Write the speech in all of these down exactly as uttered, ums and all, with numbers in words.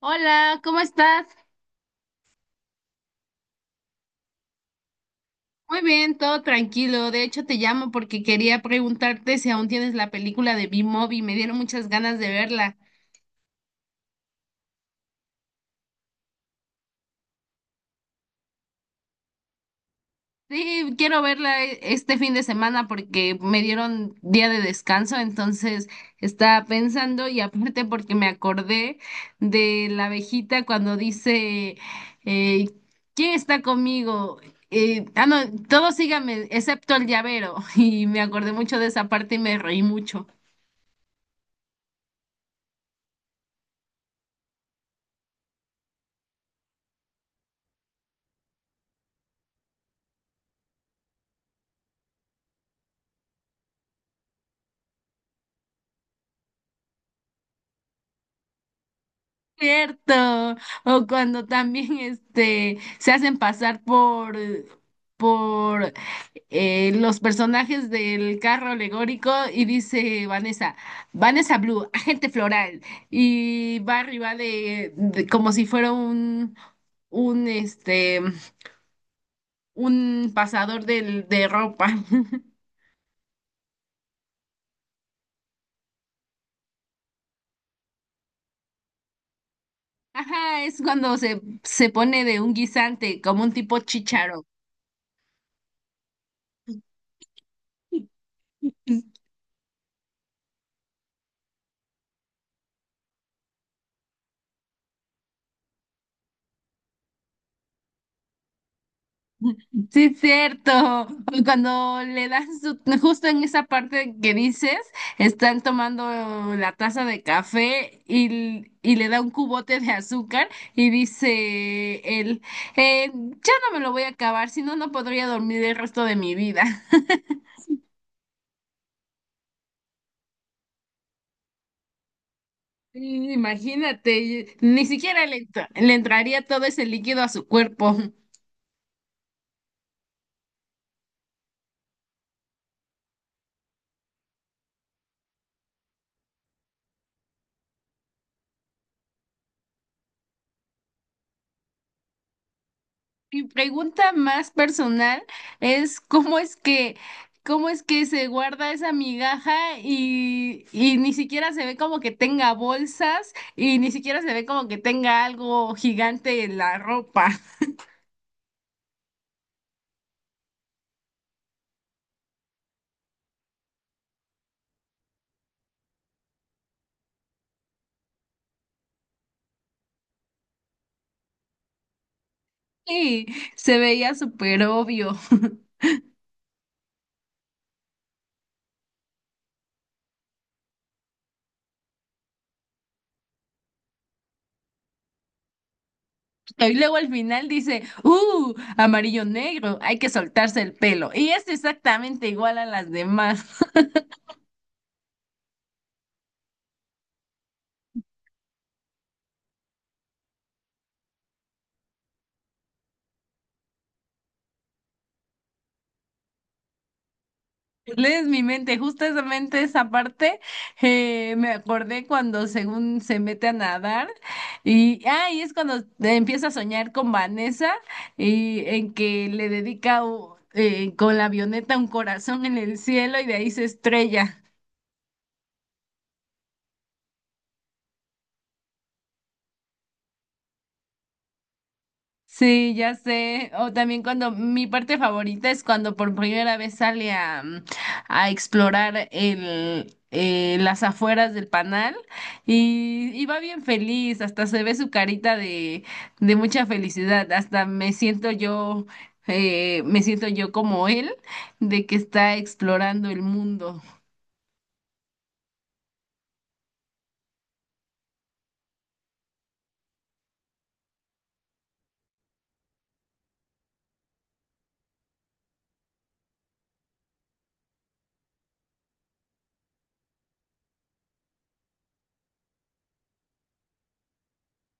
Hola, ¿cómo estás? Muy bien, todo tranquilo. De hecho, te llamo porque quería preguntarte si aún tienes la película de B-Movie. Me dieron muchas ganas de verla. Sí, quiero verla e- este fin de semana porque me dieron día de descanso, entonces estaba pensando y aparte porque me acordé de la abejita cuando dice, eh, ¿quién está conmigo? Eh, ah, no, todos síganme, excepto el llavero. Y me acordé mucho de esa parte y me reí mucho. Cierto, o cuando también este se hacen pasar por por eh, los personajes del carro alegórico y dice Vanessa, Vanessa Blue, agente floral, y va arriba de, de- como si fuera un un este un pasador del- de ropa. Ajá, es cuando se, se pone de un guisante, como un tipo chícharo. Sí, es cierto. Cuando le dan su, justo en esa parte que dices, están tomando la taza de café y, y le da un cubote de azúcar y dice él, "Eh, ya no me lo voy a acabar, si no, no podría dormir el resto de mi vida." Y imagínate, ni siquiera le, entra- le entraría todo ese líquido a su cuerpo. Mi pregunta más personal es cómo es que, cómo es que se guarda esa migaja y, y ni siquiera se ve como que tenga bolsas y ni siquiera se ve como que tenga algo gigante en la ropa. Sí, se veía súper obvio. Y luego al final dice, ¡uh! Amarillo negro, hay que soltarse el pelo. Y es exactamente igual a las demás. Lees mi mente, justamente esa parte eh, me acordé cuando según se mete a nadar y, ah, y es cuando te empieza a soñar con Vanessa y en que le dedica u- eh, con la avioneta un corazón en el cielo y de ahí se estrella. Sí, ya sé. O también cuando mi parte favorita es cuando por primera vez sale a, mm, a explorar el, eh, las afueras del panal y, y va bien feliz, hasta se ve su carita de, de mucha felicidad, hasta me siento yo, eh, me siento yo como él, de que está explorando el mundo.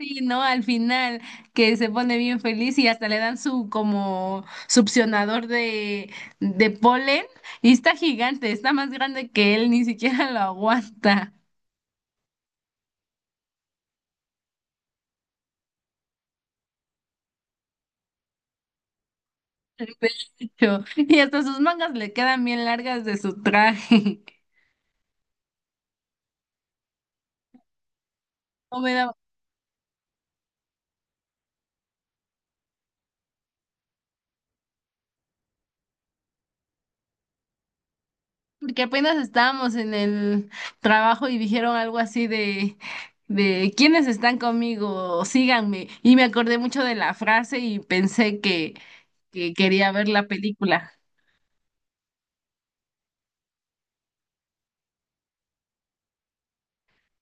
Sí, ¿no? Al final, que se pone bien feliz y hasta le dan su como succionador de, de polen y está gigante, está más grande que él, ni siquiera lo aguanta. Pecho. Y hasta sus mangas le quedan bien largas de su traje. No me da- Porque apenas estábamos en el trabajo y dijeron algo así de, de ¿quiénes están conmigo? Síganme. Y me acordé mucho de la frase y pensé que, que quería ver la película.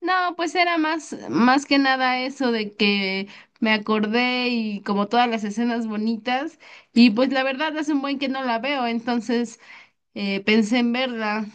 No, pues era más, más que nada eso de que me acordé y como todas las escenas bonitas, y pues la verdad hace un buen que no la veo, entonces eh, pensé en verla.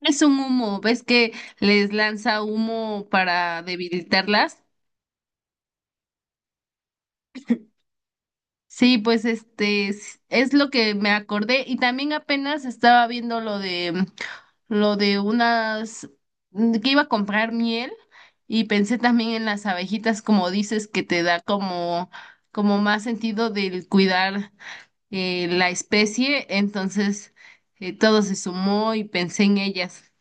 Es un humo, ¿ves que les lanza humo para debilitarlas? Sí, pues este es, es lo que me acordé y también apenas estaba viendo lo de mm, lo de unas mm, que iba a comprar miel y pensé también en las abejitas como dices que te da como como más sentido del cuidar eh, la especie, entonces eh, todo se sumó y pensé en ellas.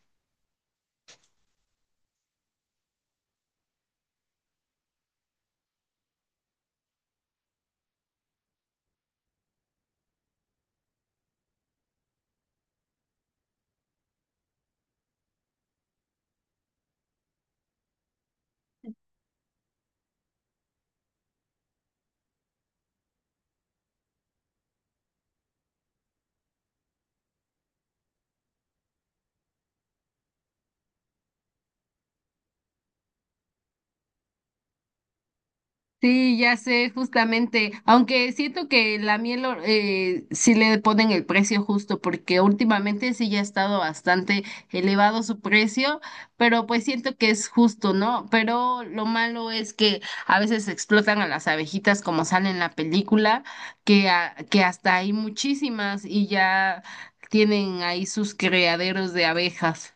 Sí, ya sé, justamente, aunque siento que la miel or- eh, sí le ponen el precio justo, porque últimamente sí ya ha estado bastante elevado su precio, pero pues siento que es justo, ¿no? Pero lo malo es que a veces explotan a las abejitas como sale en la película, que, a- que hasta hay muchísimas y ya tienen ahí sus criaderos de abejas.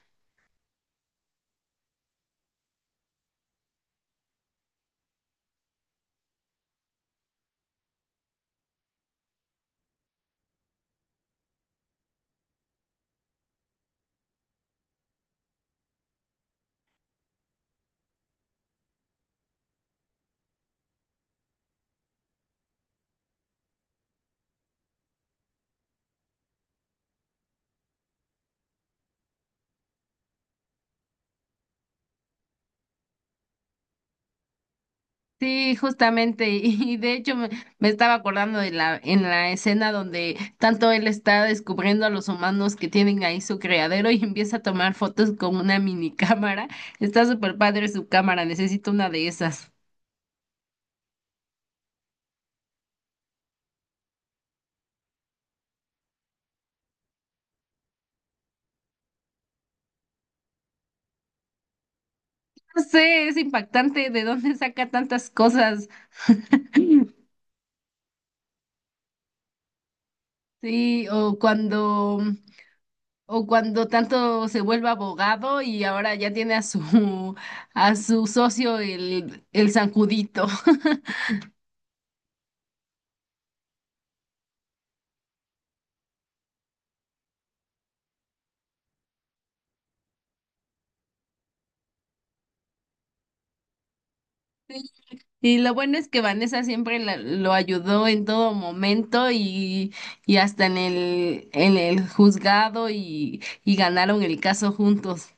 Sí, justamente, y de hecho me, me estaba acordando de la, en la escena donde tanto él está descubriendo a los humanos que tienen ahí su criadero y empieza a tomar fotos con una mini cámara. Está súper padre su cámara, necesito una de esas. No sé, es impactante de dónde saca tantas cosas. Sí, o cuando, o cuando tanto se vuelve abogado y ahora ya tiene a su, a su socio el, el zancudito. Y lo bueno es que Vanessa siempre la- lo ayudó en todo momento y, y hasta en el, en el juzgado y, y ganaron el caso juntos.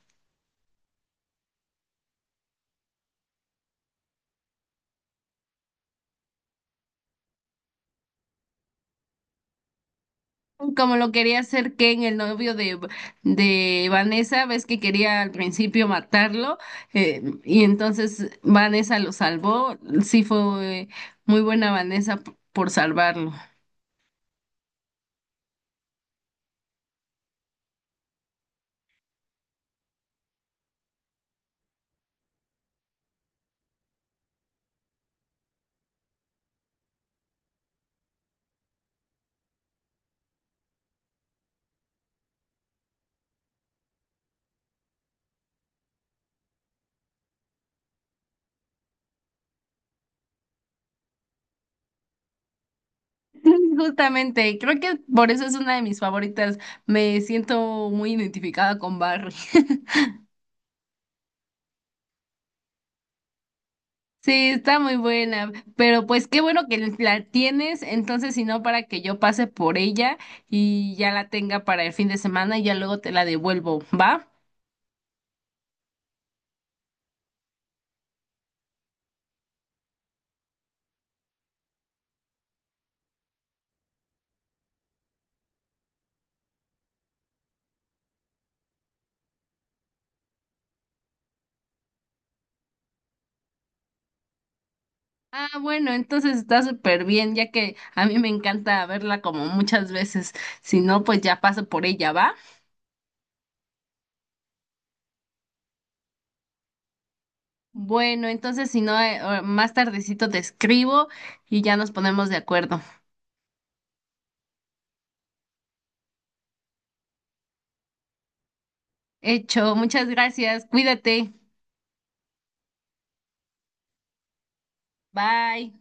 Como lo quería hacer Ken, el novio de, de Vanessa, ves que quería al principio matarlo eh, y entonces Vanessa lo salvó. Sí fue muy buena Vanessa p- por salvarlo. Justamente, creo que por eso es una de mis favoritas. Me siento muy identificada con Barry. Sí, está muy buena, pero pues qué bueno que la tienes, entonces si no para que yo pase por ella y ya la tenga para el fin de semana y ya luego te la devuelvo, ¿va? Ah, bueno, entonces está súper bien, ya que a mí me encanta verla como muchas veces, si no pues ya paso por ella, ¿va? Bueno, entonces si no eh, o- más tardecito te escribo y ya nos ponemos de acuerdo. Hecho, muchas gracias, cuídate, bye.